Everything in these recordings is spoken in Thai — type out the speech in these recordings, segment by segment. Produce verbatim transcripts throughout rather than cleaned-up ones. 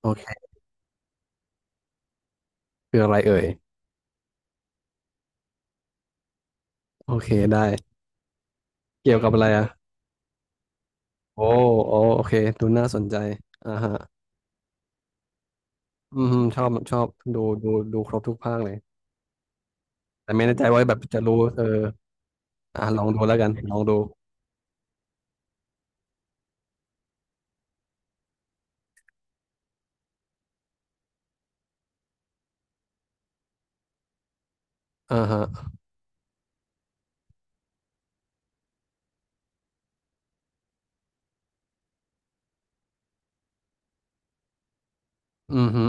โอเคคืออะไรเอ่ยโอเคได้เกี่ยวกับอะไรอ่ะโอ้โอ้โอเคดูน่าสนใจอ่าฮะอืมชอบชอบดูดูดูครบทุกภาคเลยแต่ไม่แน่ใจว่าแบบจะรู้เอออ่ะลองดูแล้วกันลองดูอ่าฮะอืมฮึ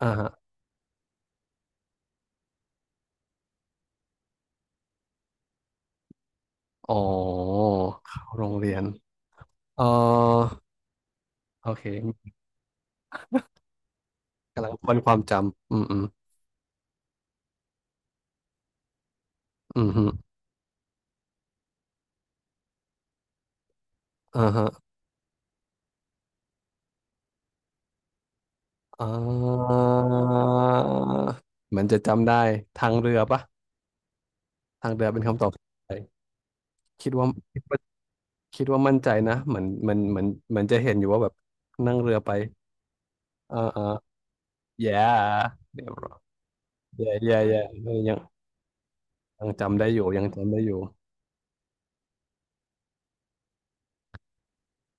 อ่าฮะอ๋อเข้าโรงเรียนเออโอเคกำลังค้นความจำอืมอืมอืมฮึอ่าฮะอ่าเหมือนจะจำได้ทางเรือปะทางเรือเป็นคำตอบที่ใช่คิดว่า คิดว่ามั่นใจนะเหมือนเหมันเหมือนเหมือนจะเห็นอยู่ว่าแบบนั่งเรือไป อ่าอ่าแย่เดี๋ยวแย่แย่แย่ยังยังจำได้อยู่ยังจำได้อยู่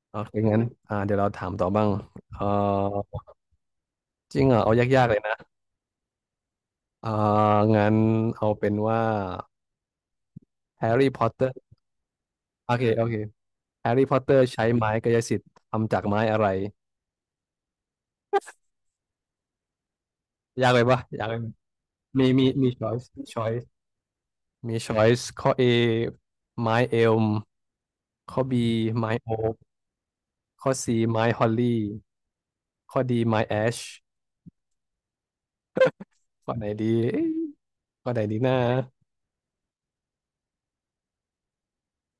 โอเคงั้นอ่าเดี๋ยวเราถามต่อบ้างเออจริงเหรอเอายากๆเลยนะอ่างั้นเอาเป็นว่าแฮร์รี่พอตเตอร์โอเค โอเคแฮร์รี่พอตเตอร์ใช้ไม้กายสิทธิ์ทำจากไม้อะไรยากเลยปะยากเลยมีมีมีช้อยส์มีช้อยส์มีช้อยส์ข้อ A ไม้เอลมข้อ B ไม้โอ ข้อ C ไม้ฮอลลี่ข้อ D ไม้แอชข้อไหนดีเอ๊ะข้อไหนดีนะ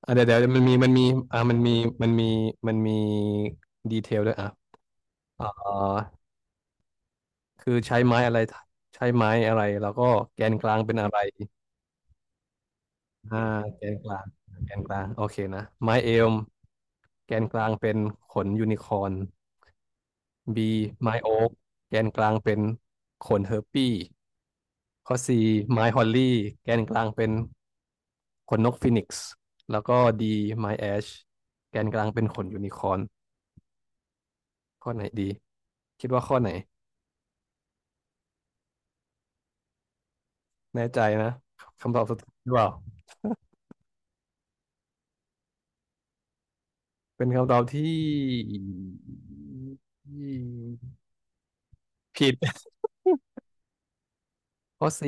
อ่ะเดี๋ยวเดี๋ยวมันมีมันมีอ่ะมันมีมันมีมันมีดีเทลด้วยอ่ะอ่าคือใช้ไม้อะไรใช้ไม้อะไรแล้วก็แกนกลางเป็นอะไรอ่าแกนกลางแกนกลางโอเคนะไม้เอลมแกนกลางเป็นขนยูนิคอร์น B ไม้โอ๊กแกนกลางเป็นขนเฮอร์ปี้ข้อ C ไม้ฮอลลี่แกนกลางเป็น ขนนกฟินิกซ์แล้วก็ดีไมแอชแกนกลางเป็นขนยูนิคอร์นข้อไหนดีคิดว่าข้อไหนแน่ใจนะคำตอบสุดท้ายหรือเปล่าเป็นคำตอบที่ผิดข้อ C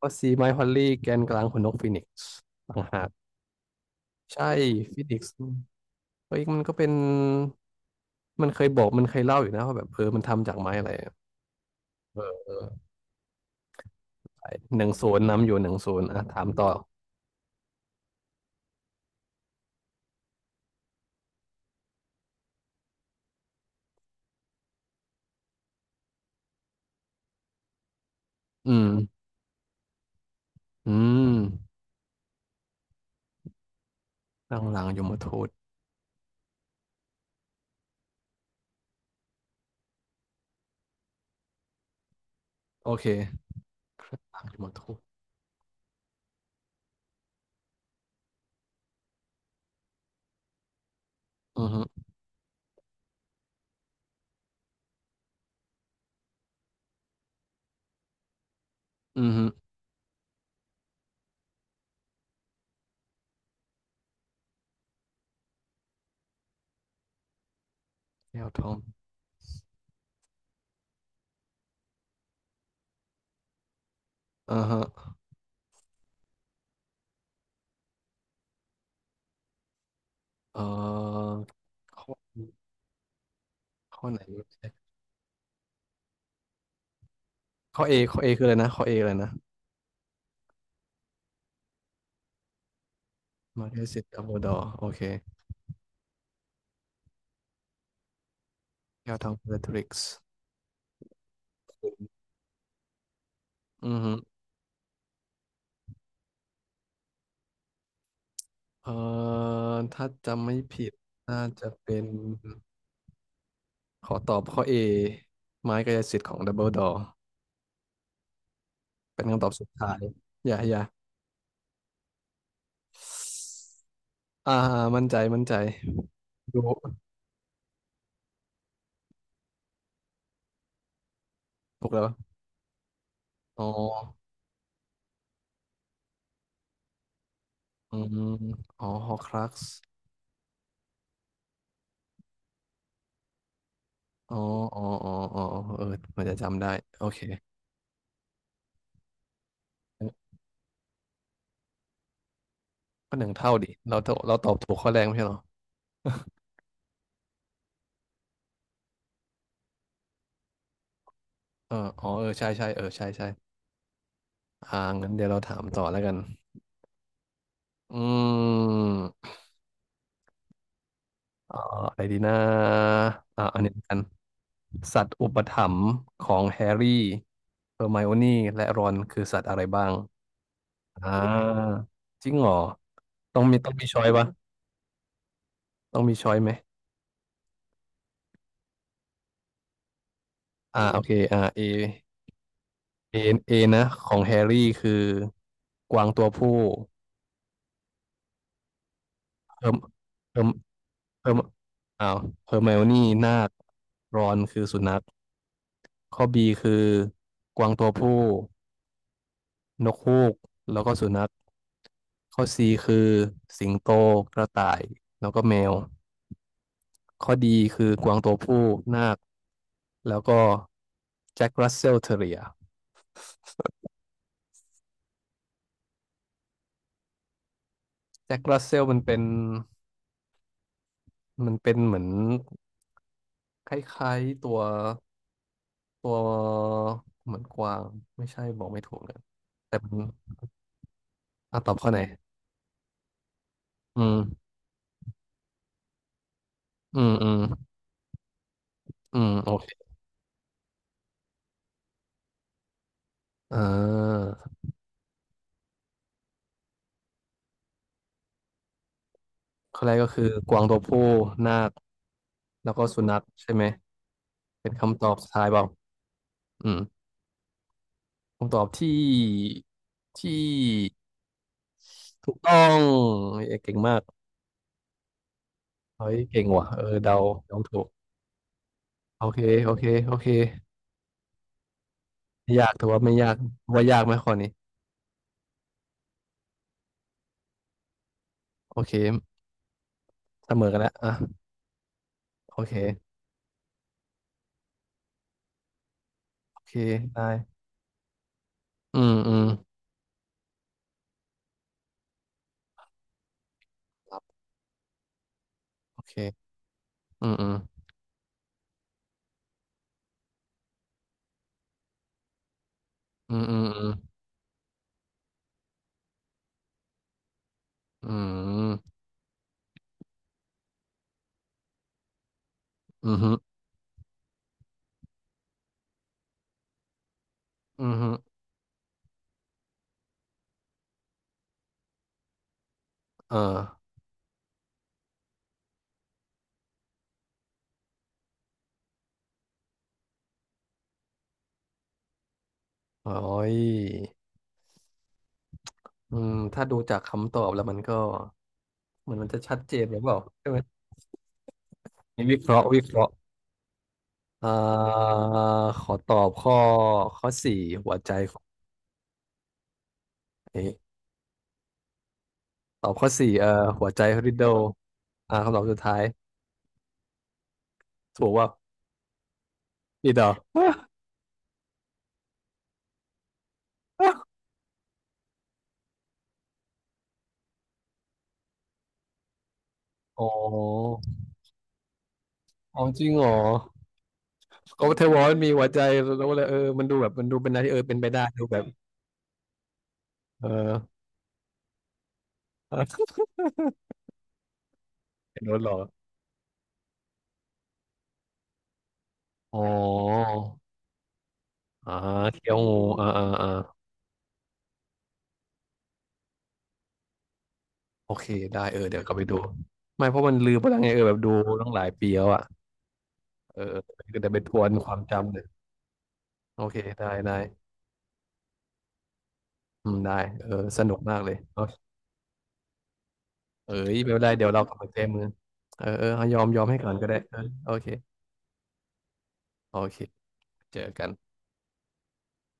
ข้อ C ไมค์พอลลี่แกนกลางขนนกฟินิกซ์ต่างหากใช่ฟินิกซ์เฮ้ยมันก็เป็นมันเคยบอกมันเคยเล่าอยู่นะว่าแบบเออมันทำจากไม้อะไรอะเออหนึ่งศูนย์นำอยู่หนึ่งศูนย์อ่ะถามต่ออืมอืม ตั้งหลังยมทูตโอเคหลังยมทูตอือฮึอือฮึแก้วทองอ่าฮะเอ่อข้อข้อไหนวะข้อเอข้อเอคืออะไรนะข้อเออะไรนะมาเกสิตดัมเบิลดอร์โอเคแก้วทองเดอะทริกซ์อือฮึเอ่อถ้าจำไม่ผิดน่าจะเป็นขอตอบข้อเอไม้กายสิทธิ์ของดัมเบิลดอร์เป็นคำตอบสุดท้ายอย่าอย่าอ่ามั่นใจมั่นใจดูถูกแล้วอ๋อ อืมอ๋อฮอครักซ์อ๋ออ๋ออ๋ออ๋อเออมันจะจำได้โอเคก็หนึ่งเท่าดิเราตอบเราตอบถูกข้อแรกไม่ใช่เหรอเอออ๋อเออใช่ ใช่เออใช่ใช่อ่างั้นเดี๋ยวเราถามต่อแล้วกันอืมเอ่ออะไรดีนะอ่าอันนี้กันสัตว์อุปถัมภ์ของแฮร์รี่เฮอร์ไมโอนี่และรอนคือสัตว์อะไรบ้างอ่าจริงเหรอต้องมีต้องมีช้อยปะต้องมีช้อยไหมอ่าโอเคอ่าเอ เอเอนะของแฮร์รี่คือกวางตัวผู้เฮิร์มเฮิร์มเฮิร์มอ้าวเฮอร์ไมโอนี่นาครอนคือสุนัขข้อบีคือกวางตัวผู้นกฮูกแล้วก็สุนัขข้อซีคือสิงโตกระต่ายแล้วก็แมวข้อดีคือกวางตัวผู้นาคแล้วก็แจ็ครัสเซลเท r เรียแจ็ครัสเซลมันเป็นมันเป็นเหมือนคล้ายๆตัว ตัวเหมือนกวางไม่ใช่บอกไม่ถูกเลยแต่มันอ่ะตอบข้อไหนอืมอืมอืมอืมโอเคอ่าข้อแรกก็คือกวางตัวผู้นาคแล้วก็สุนัขใช่ไหมเป็นคำตอบสุดท้ายเปล่าอืมคำตอบที่ที่ถูกต้องเอ้ยเก่งมากเฮ้ยเก่งว่ะเออเดาเดาถูกโอเคโอเคโอเคไม่ยากถือว่าไม่ยากว่ายากไหมข้อนี้โอเคเสมอกันแล้วอ่ะโอเคโอเคได้อืมอืม โอเคอืมอืมอืมอืมอืมอืมอืมอืมอืมฮึเออโอ้ยอืมถ้าดูจากคำตอบแล้วมันก็เหมือนมันจะชัดเจนหรือเปล่าใช่ไหมนี่วิเคราะห์วิเคราะห์อ่าขอตอบข้อข้อสี่หัวใจของไอ้ตอบข้อสี่เอ่อหัวใจริดเดิลอ่าคำตอบสุดท้ายถูกว่าริดเดิล อ๋ออ๋อจริงเหรอก็เทวอนมีหัวใจแล้วก็เลยเออมันดูแบบมันดูเป็นอะไรที่เออเป็นไปได้ดูแบบ เออ โดนรถเหรออ๋ออ่าเที่ยวงูอ่าอ่าอ่าโอเคได้เออเดี๋ยวกลับไปดู ไม่เพราะมันลืมไปแล้วไงเออแบบดูตั้งหลายปีแล้วอ่ะเออก็เดี๋ยวไปทวนความจำเลยโอเคได้ได้อืมได้เออสนุกมากเลยเอาเอ้ยไม่เป็นไรเดี๋ยวเรากลับไปเต้มมือเออเออยอมยอมให้ก่อนก็ได้เออโอเคโอเคเจอกัน